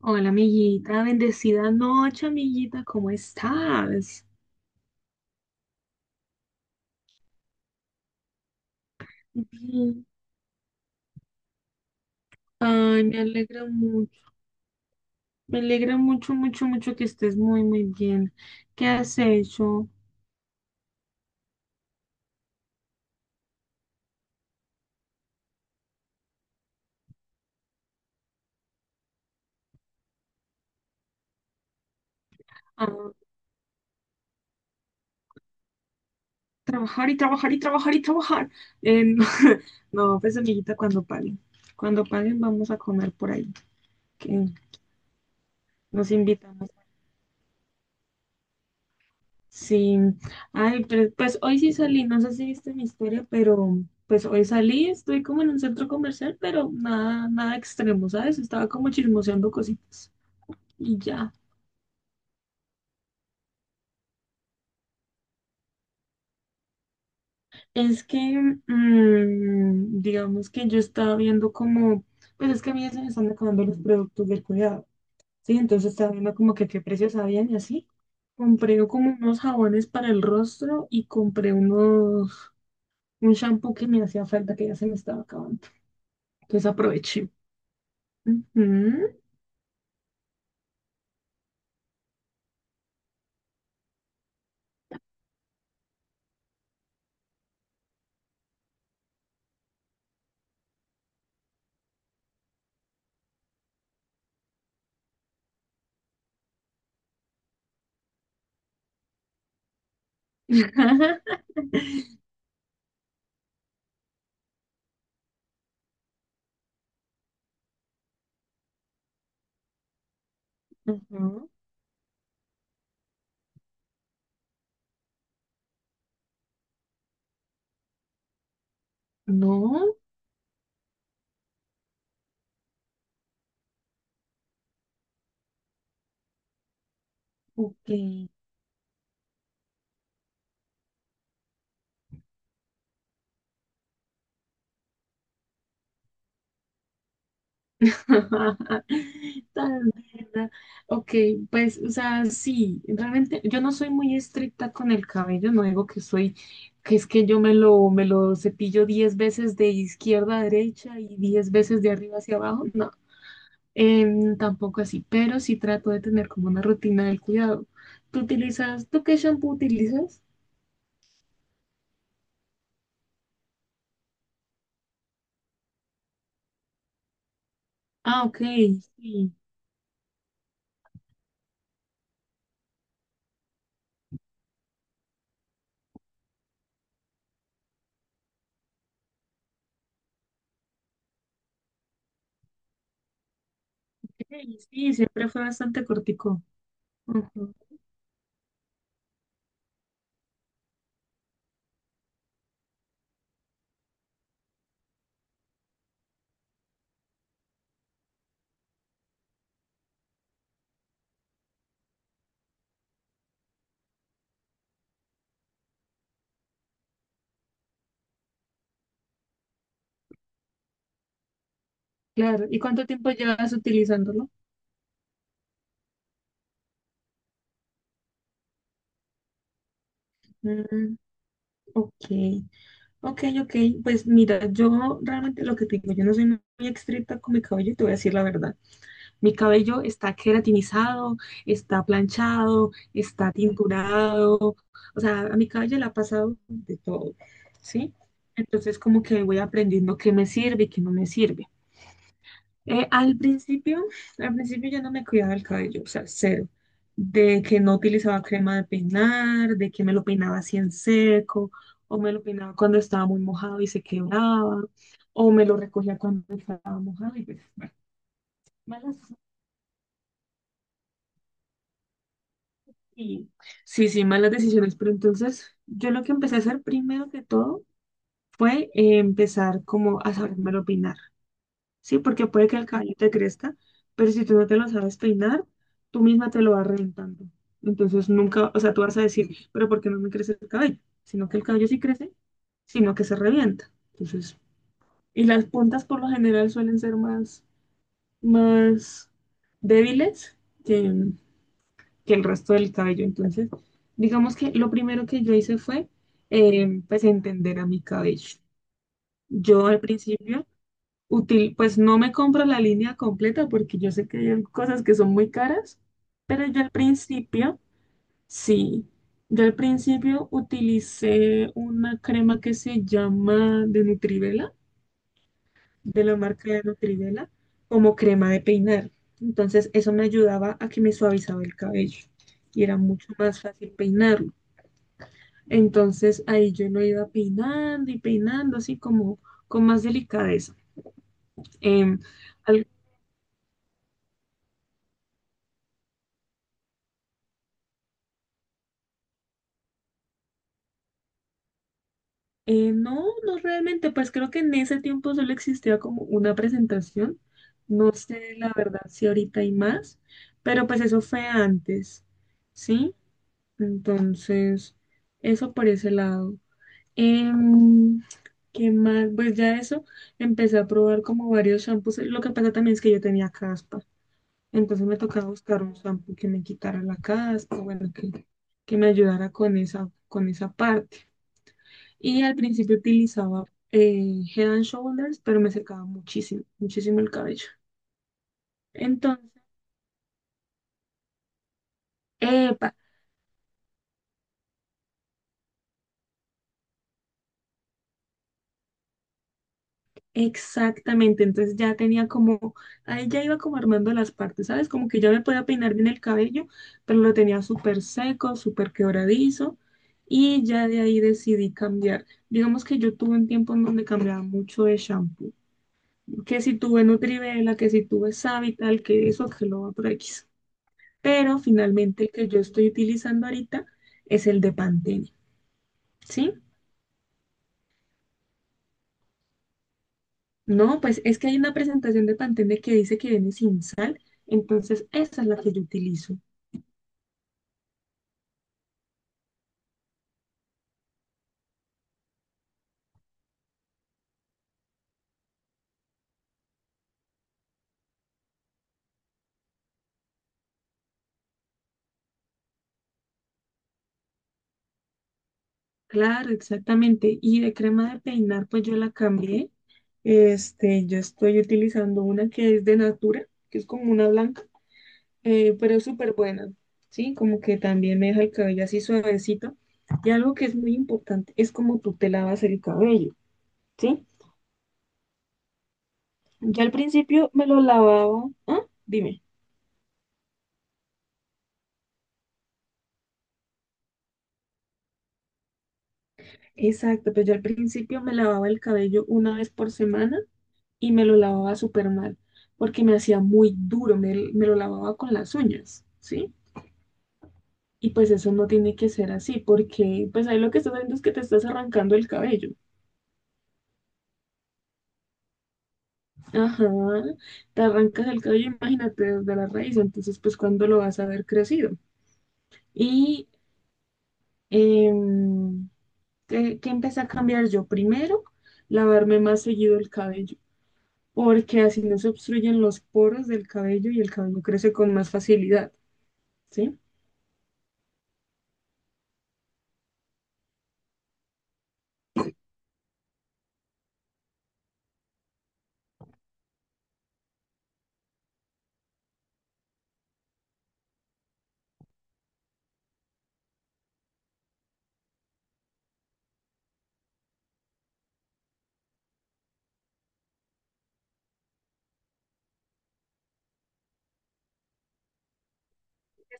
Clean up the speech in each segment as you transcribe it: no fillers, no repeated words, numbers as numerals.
Hola, amiguita, bendecida noche, amiguita, ¿cómo estás? Bien. Ay, me alegra mucho, mucho, mucho que estés muy, muy bien. ¿Qué has hecho? Ah, trabajar y trabajar y trabajar y trabajar. Eh, no, no, pues, amiguita, cuando paguen vamos a comer por ahí, que nos invitan. Sí, ay, pero, pues hoy sí salí, no sé si viste mi historia, pero pues hoy salí, estoy como en un centro comercial, pero nada, nada extremo, ¿sabes? Estaba como chismoseando cositas y ya. Es que, digamos que yo estaba viendo como, pues es que a mí ya se me están acabando los productos del cuidado, ¿sí? Entonces estaba viendo como que qué precios habían y así. Compré como unos jabones para el rostro y compré unos, un shampoo que me hacía falta que ya se me estaba acabando. Entonces aproveché. Ujú. Ujú. No, ok. Tal vez, ¿verdad? Ok, pues, o sea, sí, realmente yo no soy muy estricta con el cabello, no digo que soy, que es que yo me lo cepillo 10 veces de izquierda a derecha y 10 veces de arriba hacia abajo, no, tampoco así, pero sí trato de tener como una rutina del cuidado. ¿Tú utilizas, tú qué shampoo utilizas? Ah, ok, sí. Sí, sí, siempre fue bastante cortico. Ujú. Claro. ¿Y cuánto tiempo llevas utilizándolo? Mm, ok, ok, ok. Pues mira, yo realmente lo que te digo, yo no soy muy estricta con mi cabello, y te voy a decir la verdad. Mi cabello está queratinizado, está planchado, está tinturado. O sea, a mi cabello le ha pasado de todo, ¿sí? Entonces, como que voy aprendiendo qué me sirve y qué no me sirve. Eh, al principio, al principio yo no me cuidaba el cabello, o sea, cero. De que no utilizaba crema de peinar, de que me lo peinaba así en seco, o me lo peinaba cuando estaba muy mojado y se quebraba, o me lo recogía cuando estaba mojado y pues, bueno, malas. Y, sí, sí, malas decisiones. Pero entonces, yo lo que empecé a hacer primero que todo fue empezar como a sabérmelo peinar. Sí, porque puede que el cabello te crezca, pero si tú no te lo sabes peinar, tú misma te lo vas reventando. Entonces nunca, o sea, tú vas a decir, pero ¿por qué no me crece el cabello? Sino que el cabello sí crece, sino que se revienta. Entonces, y las puntas por lo general suelen ser más, más débiles que, que el resto del cabello. Entonces, digamos que lo primero que yo hice fue, pues, entender a mi cabello. Yo al principio Útil, pues no me compro la línea completa porque yo sé que hay cosas que son muy caras, pero yo al principio, sí, yo al principio utilicé una crema que se llama de Nutrivela, de la marca de Nutrivela, como crema de peinar. Entonces eso me ayudaba a que me suavizaba el cabello y era mucho más fácil peinarlo. Entonces ahí yo lo iba peinando y peinando así como con más delicadeza. Em, al- no, no realmente, pues creo que en ese tiempo solo existía como una presentación. No sé la verdad si ahorita hay más, pero pues eso fue antes, ¿sí? Entonces, eso por ese lado. Em, ¿Qué más? Pues ya eso, empecé a probar como varios shampoos. Lo que pasa también es que yo tenía caspa, entonces me tocaba buscar un shampoo que me quitara la caspa, bueno, que me ayudara con esa parte. Y al principio utilizaba Head and Shoulders, pero me secaba muchísimo, muchísimo el cabello. Entonces, epa, exactamente. Entonces ya tenía como, ahí ya iba como armando las partes, ¿sabes? Como que ya me podía peinar bien el cabello, pero lo tenía súper seco, súper quebradizo. Y ya de ahí decidí cambiar. Digamos que yo tuve un tiempo en donde cambiaba mucho de shampoo. Que si tuve Nutrivela, que si tuve Savital, que eso, que lo otro X. Pero finalmente el que yo estoy utilizando ahorita es el de Pantene, ¿sí? No, pues es que hay una presentación de Pantene que dice que viene sin sal, entonces esa es la que yo utilizo. Claro, exactamente. Y de crema de peinar, pues yo la cambié. Este, yo estoy utilizando una que es de Natura, que es como una blanca, pero es súper buena, ¿sí? Como que también me deja el cabello así suavecito. Y algo que es muy importante es como tú te lavas el cabello, ¿sí? Yo al principio me lo lavaba. ¿Ah? Dime. Exacto, pues yo al principio me lavaba el cabello una vez por semana y me lo lavaba súper mal, porque me hacía muy duro, me lo lavaba con las uñas, ¿sí? Y pues eso no tiene que ser así, porque pues ahí lo que estás haciendo es que te estás arrancando el cabello. Ajá, te arrancas el cabello, imagínate, desde la raíz, entonces pues cuándo lo vas a ver crecido. Y em, ¿qué, qué empecé a cambiar yo? Primero, lavarme más seguido el cabello. Porque así no se obstruyen los poros del cabello y el cabello crece con más facilidad, ¿sí?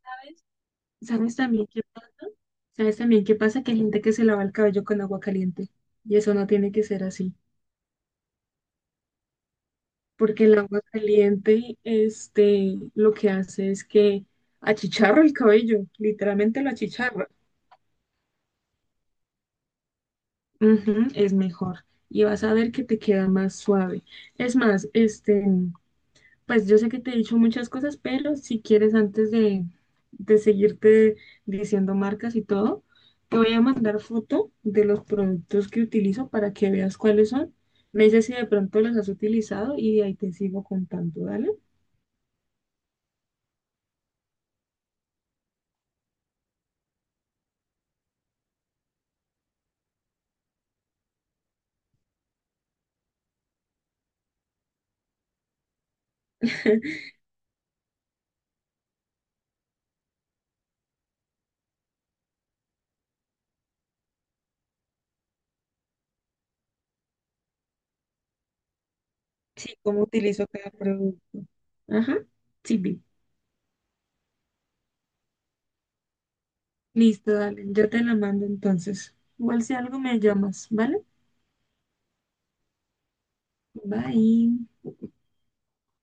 ¿Sabes? ¿Sabes también qué pasa? ¿Sabes también qué pasa? Que hay gente que se lava el cabello con agua caliente y eso no tiene que ser así, porque el agua caliente, este, lo que hace es que achicharra el cabello, literalmente lo achicharra. Ujú, es mejor y vas a ver que te queda más suave. Es más, este, pues yo sé que te he dicho muchas cosas, pero si quieres, antes de seguirte diciendo marcas y todo, te voy a mandar foto de los productos que utilizo para que veas cuáles son. Me dices si de pronto los has utilizado y de ahí te sigo contando, ¿dale? Sí, cómo utilizo cada producto. Ajá, sí, vi. Listo, dale. Yo te la mando entonces. Igual si algo me llamas, ¿vale? Bye.